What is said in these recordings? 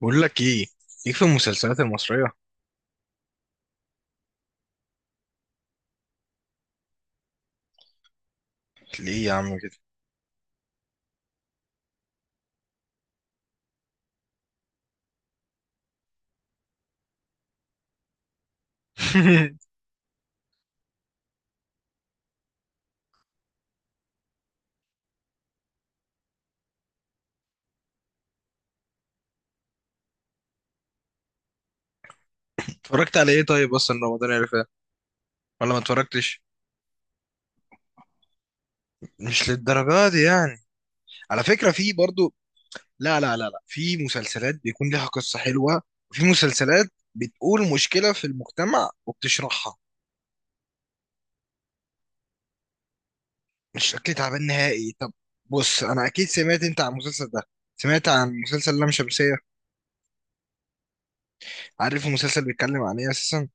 بقول لك ايه؟ ليك في المسلسلات المصرية؟ ليه يا عم كده؟ اتفرجت على ايه طيب اصلا رمضان اللي فات؟ ولا ما اتفرجتش؟ مش للدرجة دي يعني. على فكرة في برضو. لا، لا، لا، لا، في مسلسلات بيكون ليها قصة حلوة، وفي مسلسلات بتقول مشكلة في المجتمع وبتشرحها. مش شكلي تعبان نهائي. طب، بص، انا اكيد سمعت انت عن المسلسل ده. سمعت عن مسلسل لام شمسية؟ عارف المسلسل بيتكلم عن ايه اساسا؟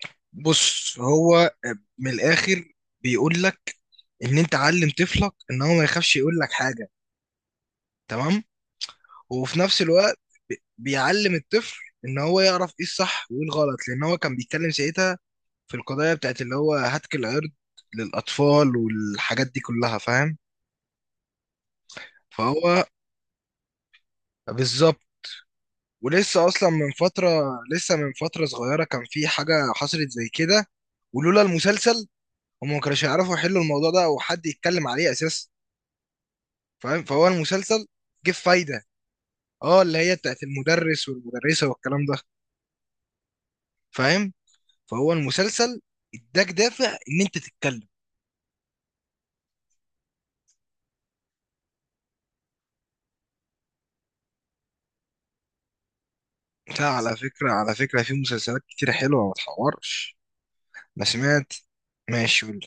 بص هو، من الاخر، بيقول لك ان انت علم طفلك ان هو ما يخافش يقول لك حاجه. تمام. وفي نفس الوقت، بيعلم الطفل ان هو يعرف ايه الصح وايه الغلط، لان هو كان بيتكلم ساعتها في القضايا بتاعت اللي هو هتك العرض للاطفال والحاجات دي كلها. فاهم؟ فهو. بالظبط. ولسه اصلا من فتره، لسه من فتره صغيره، كان في حاجه حصلت زي كده. ولولا المسلسل، هم ما كانوش يعرفوا يحلوا الموضوع ده او حد يتكلم عليه اساسا. فاهم؟ فهو المسلسل جه في فايده. اه، اللي هي بتاعت المدرس والمدرسة والكلام ده. فاهم؟ فهو المسلسل اداك دافع ان انت تتكلم. لا، على فكرة، في مسلسلات كتير حلوة، ما تحورش. ما سمعت. ماشي، قول.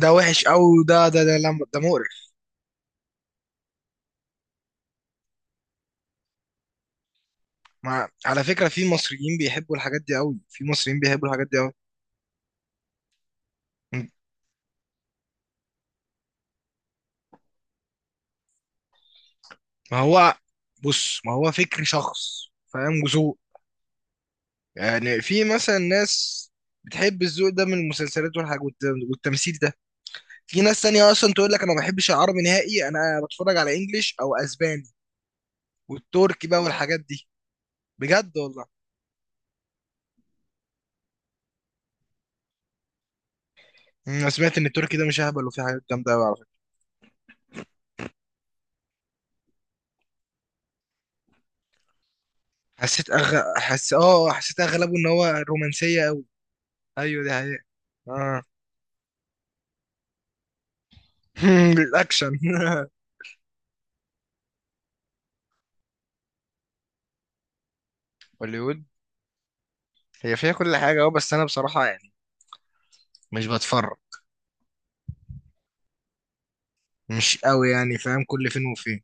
ده وحش قوي، ده لا، ده مقرف. ما على فكرة، في مصريين بيحبوا الحاجات دي قوي، في مصريين بيحبوا الحاجات دي قوي. م. ما هو، بص، ما هو فكر شخص، فاهم وذوق. يعني في مثلا ناس بتحب الذوق ده من المسلسلات والحاجات والتمثيل ده. في ناس تانية اصلا تقول لك انا ما بحبش العربي نهائي، انا بتفرج على انجليش او اسباني، والتركي بقى والحاجات دي، بجد والله. انا سمعت ان التركي ده مش اهبل وفي حاجات جامده قوي على فكره. حسيت أغ... حس... اه حسيت اغلبه ان هو رومانسيه قوي. ايوه، دي حقيقة. اه. الاكشن. هوليوود. هي فيها كل حاجه. اه، بس انا بصراحه يعني مش بتفرج، مش قوي يعني، فاهم، كل فين وفين.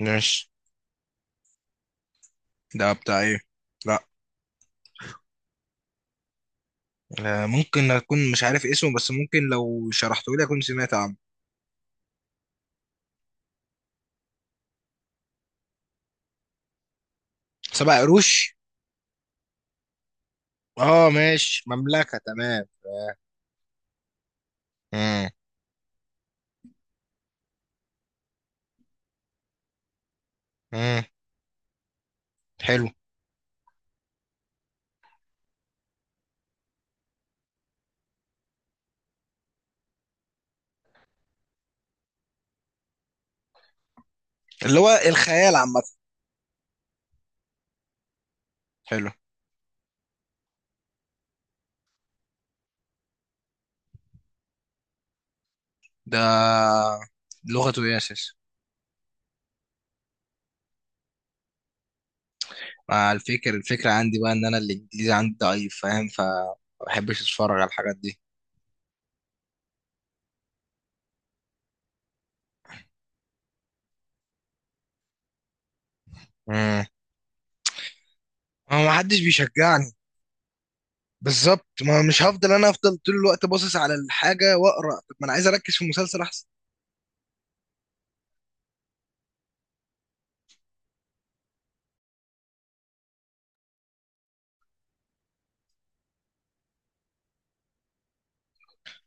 ماشي. ده بتاع ايه؟ لا. آه، ممكن اكون مش عارف اسمه، بس ممكن لو شرحته لي اكون سمعت عنه. سبع قروش. اه، ماشي، مملكة، تمام. امم. امم. حلو. اللي هو الخيال عامة. حلو. ده لغته ايه اساسا؟ مع الفكرة عندي بقى، ان انا الانجليزي عندي ضعيف، فاهم، فما بحبش اتفرج على الحاجات دي. امم هو ما حدش بيشجعني. بالظبط، ما مش هفضل انا افضل طول الوقت باصص على الحاجة واقرا، طب ما انا عايز اركز في المسلسل احسن.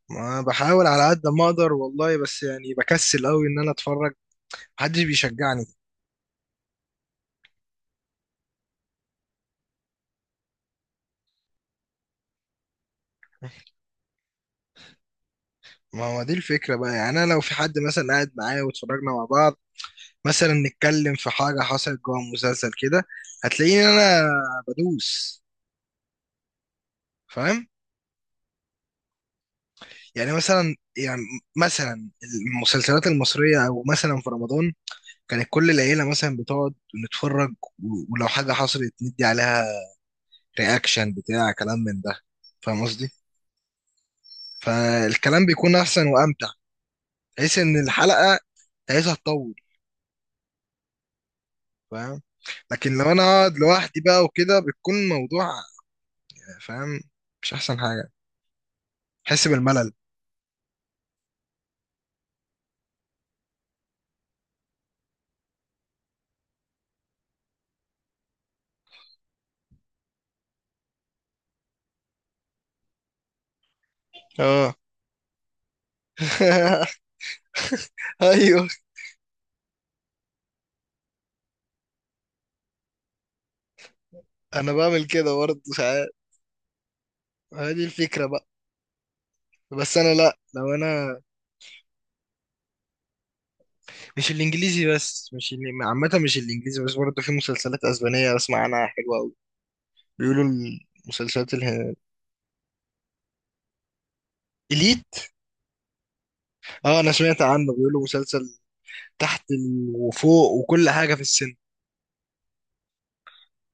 ما بحاول على قد ما اقدر والله، بس يعني بكسل قوي ان انا اتفرج، محدش بيشجعني. ما هو دي الفكرة بقى، يعني أنا لو في حد مثلا قاعد معايا واتفرجنا مع بعض، مثلا نتكلم في حاجة حصلت جوه المسلسل كده، هتلاقيني أنا بدوس، فاهم؟ يعني مثلا المسلسلات المصرية، أو مثلا في رمضان، كانت كل العيلة مثلا بتقعد نتفرج، ولو حاجة حصلت ندي عليها رياكشن بتاع كلام من ده، فاهم قصدي؟ فالكلام بيكون أحسن وأمتع، بحيث إن الحلقة عايزها تطول. لكن لو انا اقعد لوحدي بقى وكده، بيكون موضوع، فاهم، مش احسن حاجه، حس بالملل. اه. ايوه، انا بعمل كده برضه ساعات. هذه الفكره بقى. بس انا، لا لو انا، مش الانجليزي بس، مش عامه، مش الانجليزي بس، برضه في مسلسلات اسبانيه بسمع عنها حلوه قوي بيقولوا. المسلسلات اليت. اه، انا سمعت عنه، بيقولوا مسلسل تحت وفوق وكل حاجه في السن.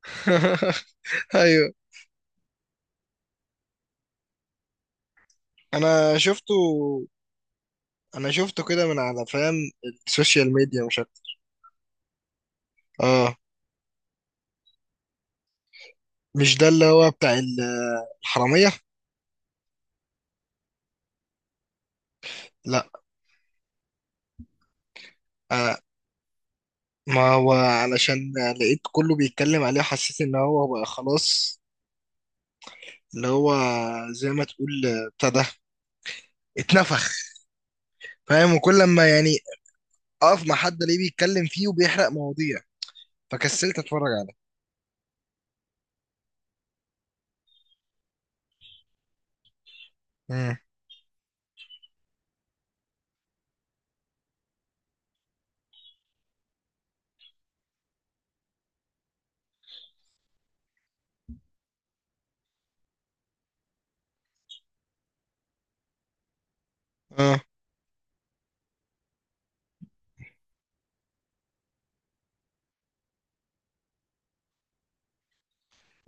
ايوه، انا شفته انا شفته كده، من على، فاهم، السوشيال ميديا مش اكتر. اه، مش ده اللي هو بتاع الحرامية؟ لا. آه، ما هو علشان لقيت كله بيتكلم عليه، حسيت ان هو بقى خلاص، اللي هو، زي ما تقول بتاع ده، اتنفخ. فاهم؟ وكل لما يعني اقف مع حد ليه بيتكلم فيه وبيحرق مواضيع، فكسلت اتفرج عليه. مم. اه.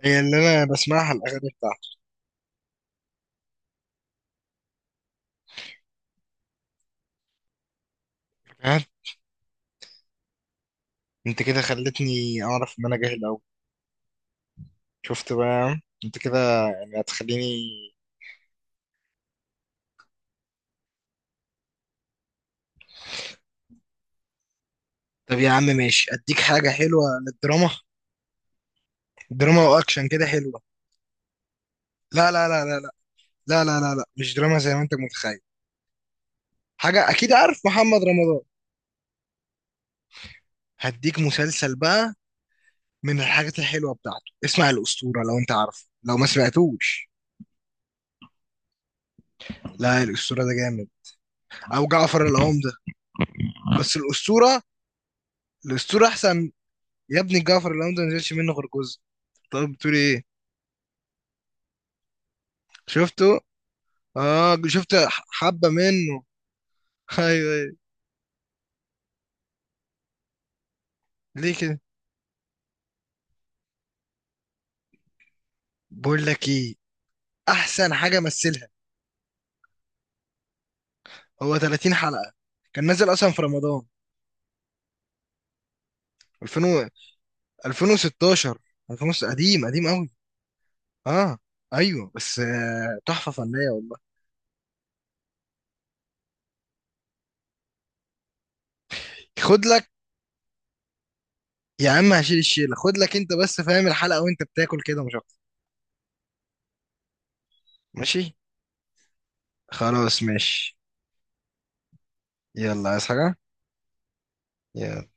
هي اللي انا بسمعها الاغاني بتاعته. فاهم؟ انت كده خلتني اعرف ان انا جاهل اوي. شفت بقى انت كده، يعني هتخليني. طب يا عم، ماشي، اديك حاجة حلوة للدراما، دراما واكشن كده حلوة. لا، لا، لا، لا، لا، لا، لا، لا، لا، مش دراما زي ما انت متخيل. حاجة اكيد عارف محمد رمضان. هديك مسلسل بقى، من الحاجات الحلوة بتاعته، اسمع الأسطورة، لو انت عارفه لو ما سمعتوش. لا، الأسطورة ده جامد، او جعفر العمدة، بس الأسطورة، الأسطورة احسن. يا ابني جعفر العمدة ما نزلش منه غير جزء. طب بتقول ايه؟ شفته؟ اه، شفت حبة منه. ايوه، ايوه، ليه كده؟ بقول لك ايه، احسن حاجه مثلها. هو 30 حلقه، كان نازل اصلا في رمضان 2000 2016. 2000، قديم قديم قوي. اه، ايوه، بس تحفه فنيه والله. خد لك. يا عم، هشيل الشيله، خد لك انت بس، فاهم، الحلقه وانت بتاكل كده مش اكتر. ماشي، خلاص، ماشي. يلا عايز حاجه؟ يلا.